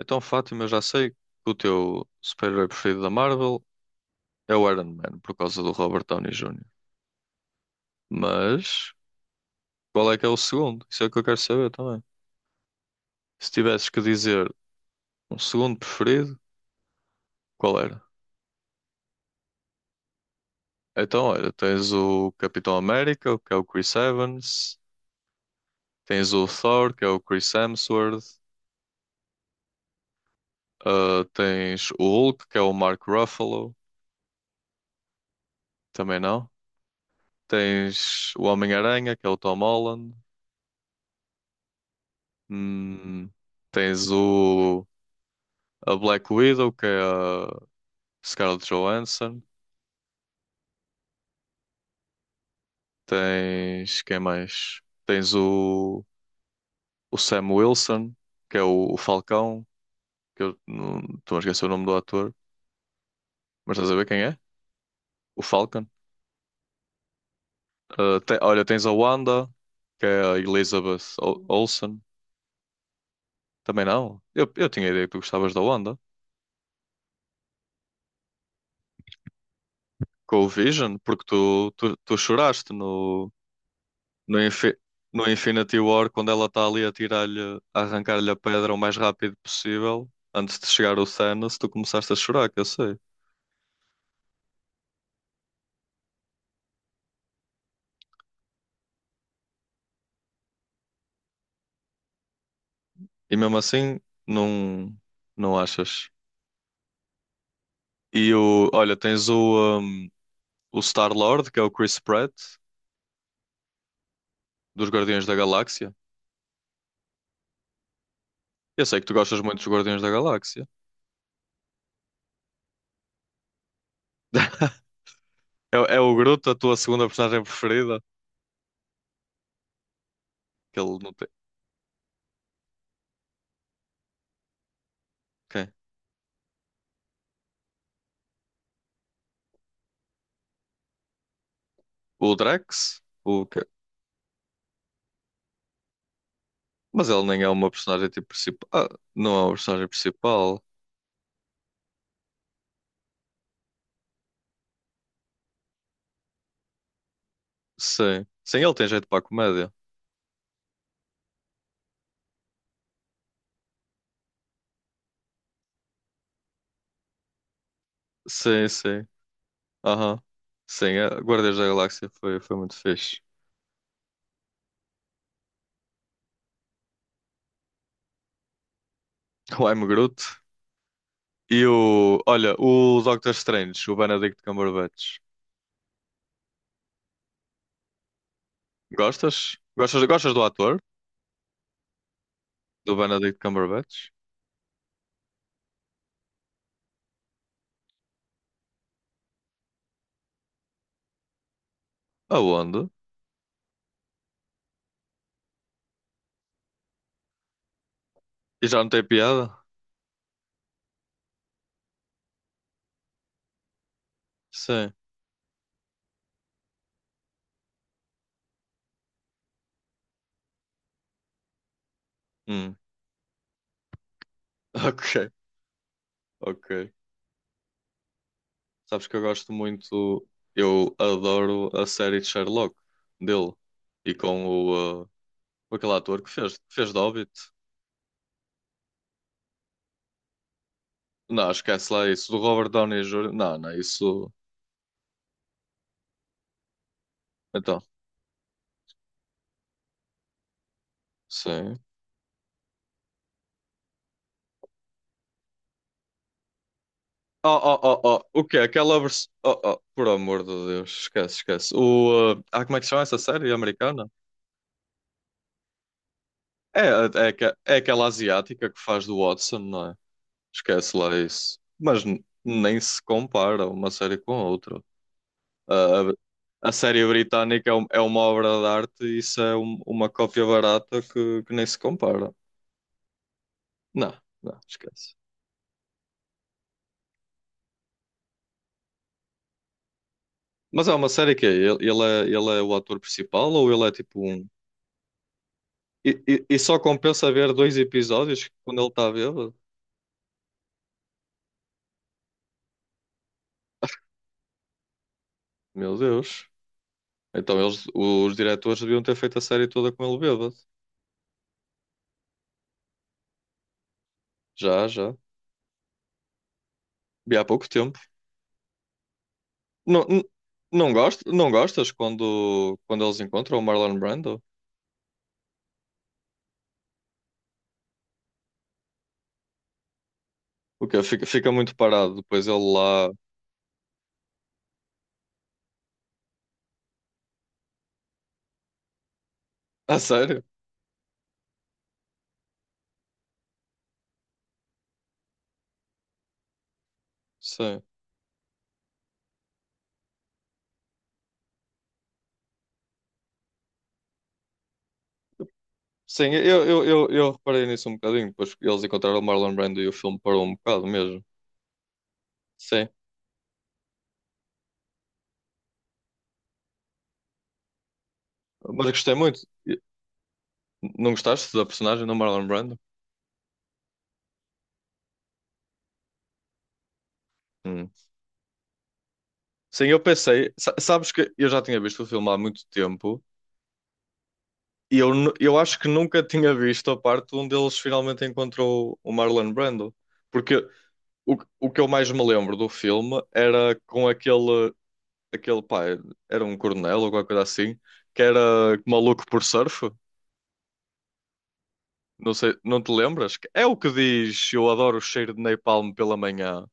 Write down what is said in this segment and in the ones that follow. Então, Fátima, eu já sei que o teu super-herói preferido da Marvel é o Iron Man, por causa do Robert Downey Jr. Mas qual é que é o segundo? Isso é o que eu quero saber também. Se tivesses que dizer um segundo preferido, qual era? Então, olha, tens o Capitão América, que é o Chris Evans, tens o Thor, que é o Chris Hemsworth, ah, tens o Hulk, que é o Mark Ruffalo, também não. Tens o Homem-Aranha, que é o Tom Holland. Hum. tens o. A Black Widow, que é a Scarlett Johansson. Tens quem mais? Tens o Sam Wilson, que é o Falcão, que eu não estou a esquecer o nome do ator, mas estás a ver quem é? O Falcon. Ah, olha, tens a Wanda, que é a Elizabeth Olsen. Também não. Eu tinha a ideia que tu gostavas da Wanda. Com o Vision, porque tu choraste No, Infi- no Infinity War, quando ela está ali a tirar-lhe, a arrancar-lhe a pedra o mais rápido possível, antes de chegar o Thanos, tu começaste a chorar, que eu sei. E mesmo assim, não, não achas? E olha, tens o Star-Lord, que é o Chris Pratt, dos Guardiões da Galáxia. Eu sei que tu gostas muito dos Guardiões da Galáxia. É, o é o Groot, a tua segunda personagem preferida? Que ele não tem. Quem? O Drax? O quê? Mas ele nem é uma personagem tipo principal. Ah, não é uma personagem principal. Sim. Sim, ele tem jeito para a comédia. Sim, sim. Aham. Sim, a Guardiões da Galáxia foi muito fixe. O I'm Groot. E o. Olha, o Doctor Strange, o Benedict Cumberbatch. Gostas? Gostas, gostas do ator? Do Benedict Cumberbatch? Aonde? E já não tem piada? Sim. Hum. Ok, ok. Sabes que eu gosto muito. Eu adoro a série de Sherlock dele. E com o. Aquele ator que fez de Hobbit. Não, esquece lá isso. Do Robert Downey Jr. Não, não, isso. Então, sim. Oh, oh, oh, oh. O quê? Aquela versão. Oh, oh, por amor de Deus, esquece, esquece. Ah, como é que se chama essa série americana? É aquela asiática que faz do Watson, não é? Esquece lá isso. Mas nem se compara uma série com a outra. A série britânica é uma obra de arte, e isso é uma cópia barata que nem se compara. Não, não, esquece. Mas é uma série que é? Ele é o ator principal, ou ele é tipo um. E só compensa ver dois episódios quando ele está bêbado? Meu Deus. Então eles, os diretores deviam ter feito a série toda com ele bêbado. Já, já. Vi há pouco tempo. Não, não, não gostas quando, eles encontram o Marlon Brando? O quê? Fica muito parado. Depois ele lá. A sério? Sim. Sim, eu reparei nisso um bocadinho. Depois eles encontraram o Marlon Brando e o filme parou um bocado mesmo. Sim. Mas eu gostei muito. Não gostaste da personagem do Marlon Brando? Hum. Sim, eu pensei. Sabes que eu já tinha visto o filme há muito tempo, e eu acho que nunca tinha visto a parte onde eles finalmente encontrou o Marlon Brando. Porque o que eu mais me lembro do filme era com aquele pá, era um coronel ou qualquer coisa assim, que era maluco por surf. Não sei, não te lembras? É o que diz: eu adoro o cheiro de napalm pela manhã,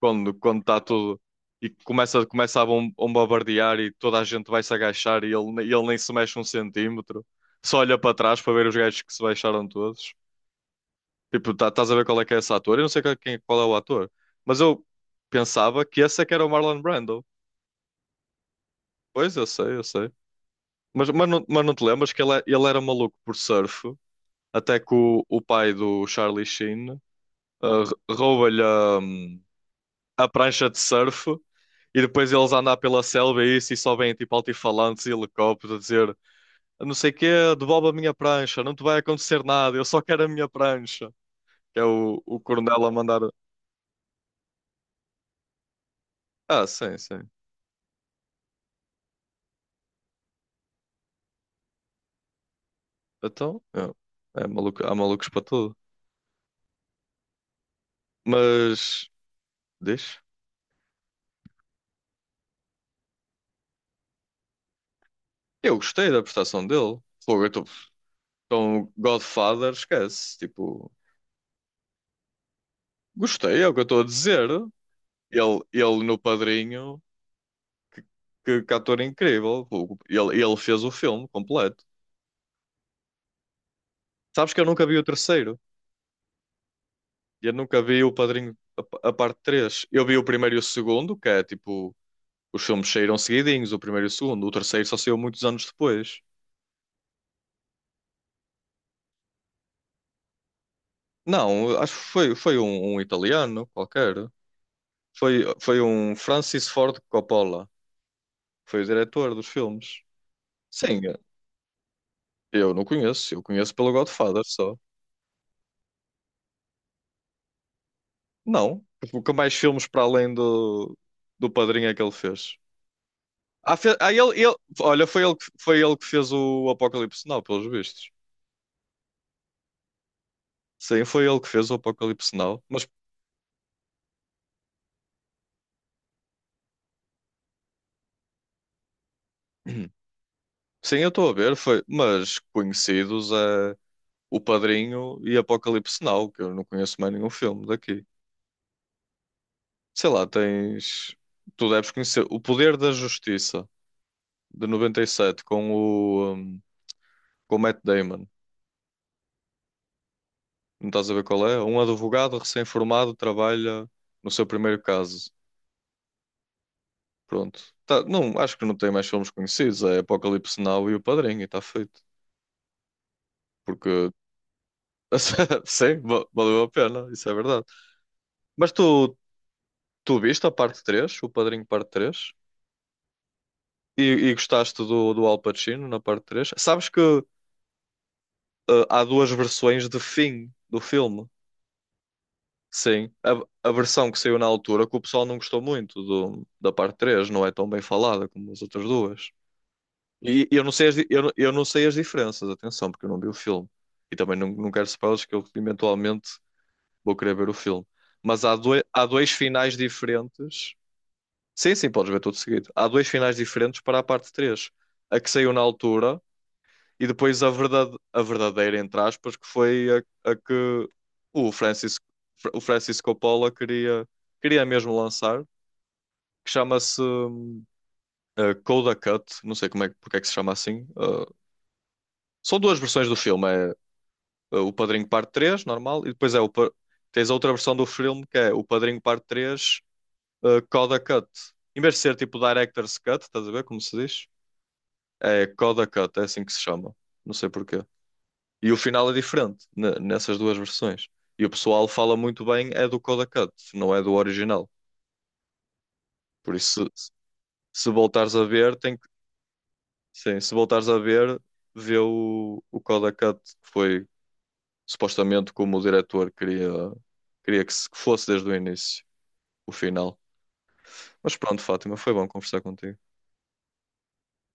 quando está tudo e começa a bombardear e toda a gente vai se agachar, ele nem se mexe um centímetro, só olha para trás para ver os gajos que se baixaram todos. Tipo, tá, estás a ver qual é que é esse ator? Eu não sei qual é o ator, mas eu pensava que esse é que era o Marlon Brando. Pois, eu sei, mas não te lembras que ele era maluco por surf, até que o pai do Charlie Sheen, rouba-lhe a prancha de surf, e depois eles andam pela selva e isso, e só vêm tipo altifalantes e helicópteros a dizer não sei quê, devolve a minha prancha, não te vai acontecer nada, eu só quero a minha prancha. Que é o coronel a mandar. Ah, sim, sim. Então, é maluco, há malucos para tudo. Mas, deixa. Eu gostei da prestação dele. Fogo, eu estou com Godfather, esquece. Tipo, gostei, é o que eu estou a dizer. Ele no padrinho. Que, que ator incrível. Ele fez o filme completo. Sabes que eu nunca vi o terceiro. Eu nunca vi o Padrinho, a parte três. Eu vi o primeiro e o segundo, que é tipo, os filmes saíram seguidinhos, o primeiro e o segundo. O terceiro só saiu muitos anos depois. Não, acho que foi um italiano qualquer. Foi um Francis Ford Coppola. Foi o diretor dos filmes. Sim, eu não conheço. Eu conheço pelo Godfather só. Não. Porque mais filmes para além do Padrinho é que ele fez? Olha, foi ele que fez o Apocalipse Now, pelos vistos. Sim, foi ele que fez o Apocalipse Now. Mas sim, eu estou a ver, foi. Mas conhecidos é O Padrinho e Apocalipse Now, que eu não conheço mais nenhum filme daqui. Sei lá, tens. Tu deves conhecer O Poder da Justiça, de 97, com o Matt Damon. Não estás a ver qual é? Um advogado recém-formado trabalha no seu primeiro caso. Pronto. Tá, não, acho que não tem mais filmes conhecidos. É Apocalipse Now e O Padrinho, e está feito. Porque, sim, valeu a pena, isso é verdade. Mas tu viste a parte três. O Padrinho parte três? E gostaste do Al Pacino na parte três? Sabes que há duas versões de fim do filme. Sim, a versão que saiu na altura, que o pessoal não gostou muito da parte três, não é tão bem falada como as outras duas. E eu não sei as, di- eu não sei as diferenças, atenção, porque eu não vi o filme. E também não quero spoilers, que eu eventualmente vou querer ver o filme. Mas há dois finais diferentes. Sim, sim, podes ver tudo seguido. Há dois finais diferentes para a parte três. A que saiu na altura, e depois a verdadeira, entre aspas, que foi a que o Francis, o Francis Coppola queria mesmo lançar, que chama-se Coda Cut, não sei como é, porque é que se chama assim. São duas versões do filme, é o Padrinho Parte 3, normal, e depois tens a outra versão do filme, que é o Padrinho Parte 3, Coda Cut. Em vez de ser tipo Director's Cut, estás a ver como se diz? É Coda Cut, é assim que se chama. Não sei porquê. E o final é diferente nessas duas versões. E o pessoal fala muito bem é do Coda Cut, não é do original. Por isso, se voltares a ver, tem que. Sim, se voltares a ver, vê o Coda Cut, que foi supostamente como o diretor queria, queria que se- que fosse desde o início o final. Mas pronto, Fátima, foi bom conversar contigo.